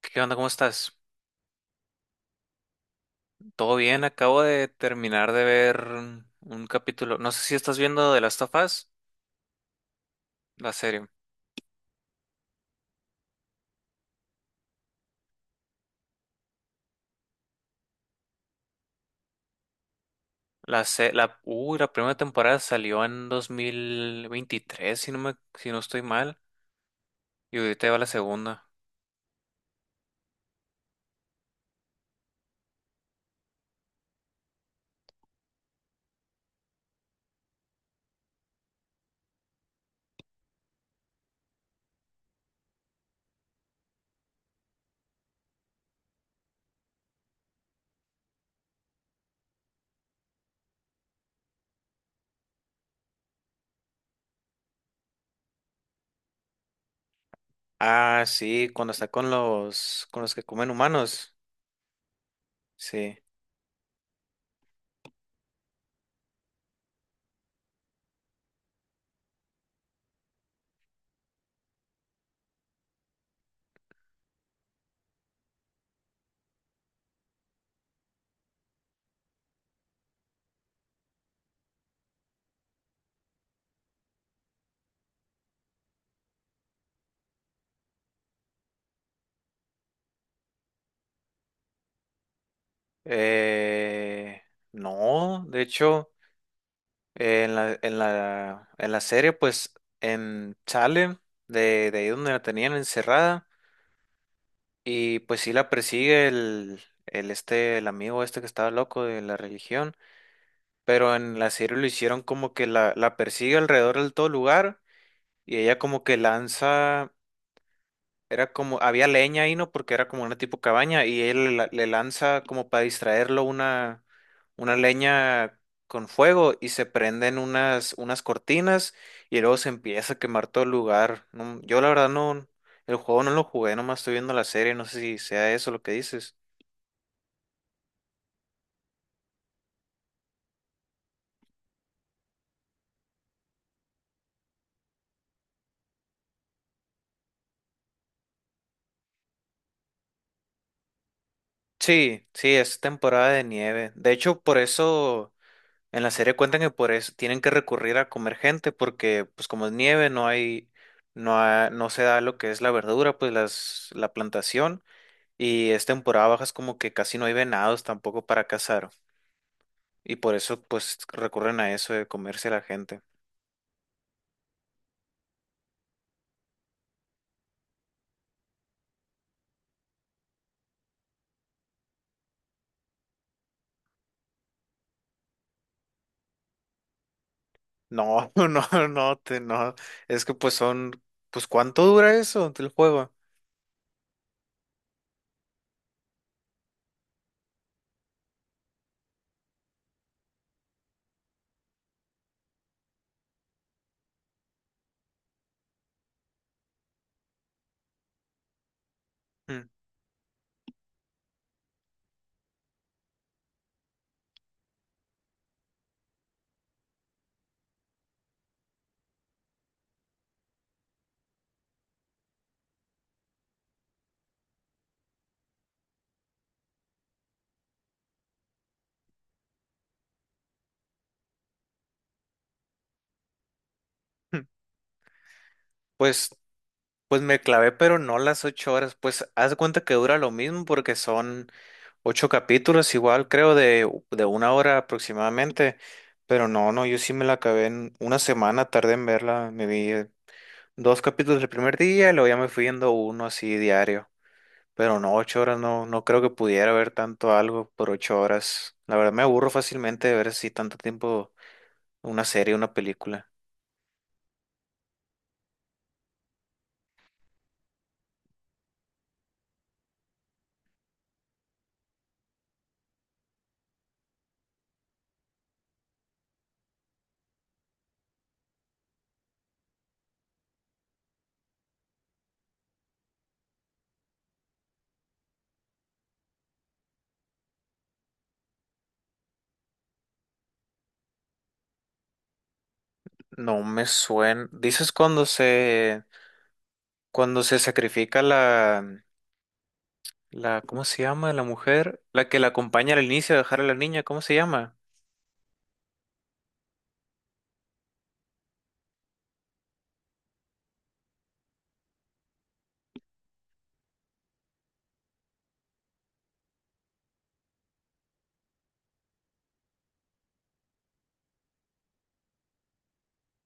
¿Qué onda? ¿Cómo estás? ¿Todo bien? Acabo de terminar de ver un capítulo. No sé si estás viendo The Last of Us, la serie. La, se- la, uy, la primera temporada salió en 2023, si no estoy mal. Y ahorita va la segunda. Ah, sí, cuando está con los que comen humanos. Sí. Eh, no, de hecho, en la serie, pues, en sale de ahí donde la tenían encerrada. Y pues sí la persigue el amigo este que estaba loco de la religión, pero en la serie lo hicieron como que la persigue alrededor del todo lugar y ella como que lanza, era como, había leña ahí, ¿no? Porque era como una tipo cabaña y le lanza como para distraerlo una leña con fuego y se prenden unas cortinas y luego se empieza a quemar todo el lugar. No, yo la verdad no, el juego no lo jugué, nomás estoy viendo la serie, no sé si sea eso lo que dices. Sí, sí, es temporada de nieve. De hecho, por eso en la serie cuentan que por eso tienen que recurrir a comer gente, porque pues como es nieve no hay, no se da lo que es la verdura, pues la plantación, y es temporada baja, es como que casi no hay venados tampoco para cazar y por eso pues recurren a eso de comerse a la gente. No, no, es que pues son, pues ¿cuánto dura eso el juego? Mm. Pues Pues me clavé, pero no las 8 horas. Pues haz de cuenta que dura lo mismo porque son 8 capítulos, igual creo de una hora aproximadamente. Pero no, no, yo sí me la acabé en una semana, tardé en verla. Me vi dos capítulos el primer día y luego ya me fui viendo uno así diario. Pero no, 8 horas no, no creo que pudiera ver tanto algo por 8 horas. La verdad me aburro fácilmente de ver así tanto tiempo una serie, una película. No me suena. ¿Dices cuando se... cuando se sacrifica la, ¿cómo se llama? La mujer, la que la acompaña al inicio a dejar a la niña, ¿cómo se llama?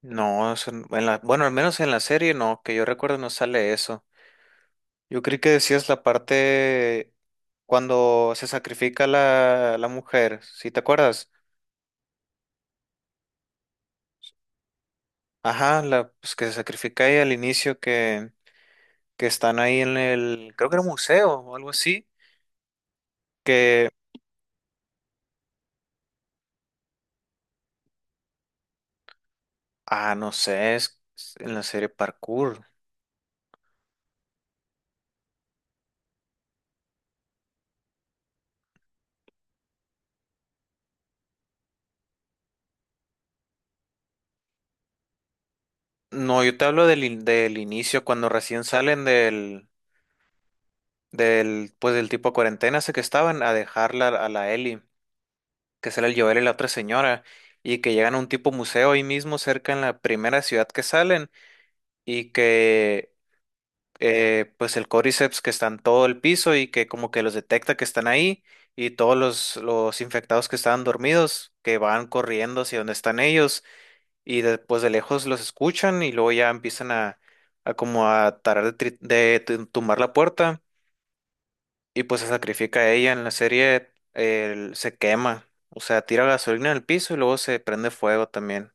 No, eso n- en la, bueno, al menos en la serie no, que yo recuerdo no sale eso. Yo creí que decías la parte cuando se sacrifica la mujer, ¿sí te acuerdas? Ajá, la, pues que se sacrifica ahí al inicio que están ahí en el, creo que era un museo o algo así, que, ah, no sé, es en la serie Parkour. No, yo te hablo del inicio, cuando recién salen pues del tipo cuarentena, ese que estaban a dejarla a la Ellie, que sale el Joel y la otra señora, y que llegan a un tipo museo ahí mismo cerca en la primera ciudad que salen, y que pues el Cordyceps que está en todo el piso y que como que los detecta que están ahí, y todos los infectados que estaban dormidos, que van corriendo hacia donde están ellos, y después de lejos los escuchan y luego ya empiezan a como a tarar de, tri- de tu- tumbar la puerta, y pues se sacrifica a ella en la serie, él se quema, o sea, tira gasolina al piso y luego se prende fuego también.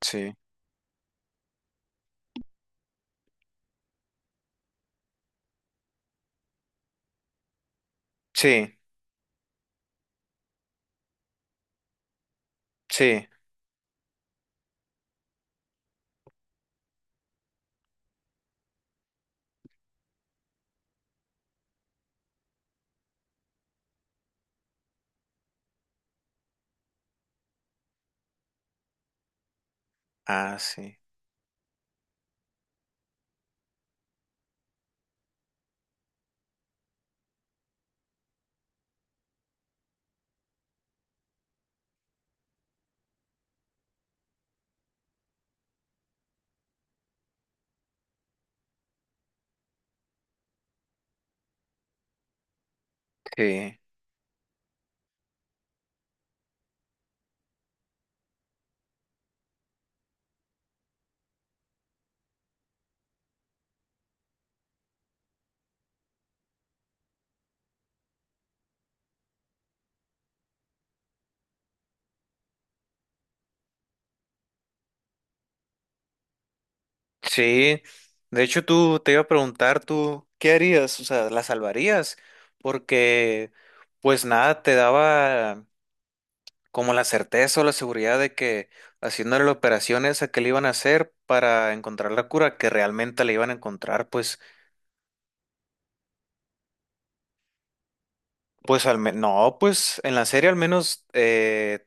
Sí. Sí, sí, ah, sí, sí, sí. De hecho, tú te iba a preguntar, tú, ¿qué harías? O sea, ¿la salvarías? Porque, pues nada, te daba como la certeza o la seguridad de que haciéndole la operación esa que le iban a hacer para encontrar la cura, que realmente la iban a encontrar, pues, pues al menos, no, pues en la serie al menos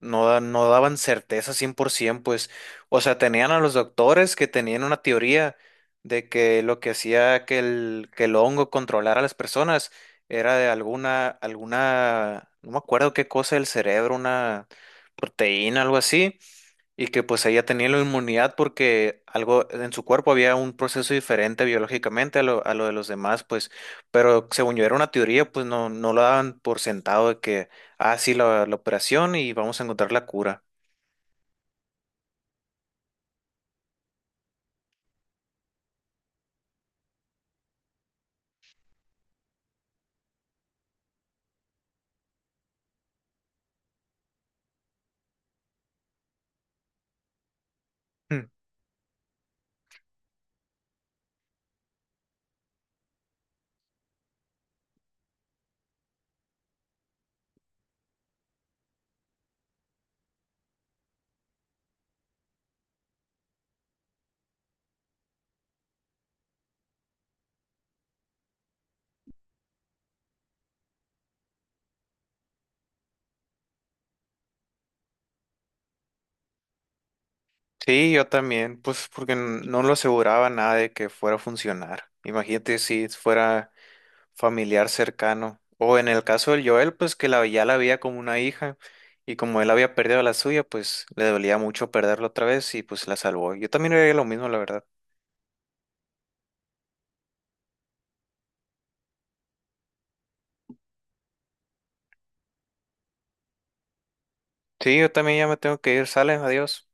no, no daban certeza 100%, pues, o sea, tenían a los doctores que tenían una teoría de que lo que hacía que el hongo controlara a las personas era alguna, no me acuerdo qué cosa del cerebro, una proteína, algo así. Y que pues ella tenía la inmunidad porque algo en su cuerpo había un proceso diferente biológicamente a a lo de los demás, pues, pero según yo era una teoría, pues no, no lo daban por sentado de que, ah, sí, la operación y vamos a encontrar la cura. Hmm. Sí, yo también, pues porque no lo aseguraba nada de que fuera a funcionar. Imagínate si fuera familiar cercano. O en el caso del Joel, pues que ya la veía como una hija, y como él había perdido a la suya, pues le dolía mucho perderlo otra vez y pues la salvó. Yo también haría lo mismo, la verdad. Sí, yo también ya me tengo que ir. Sale, adiós.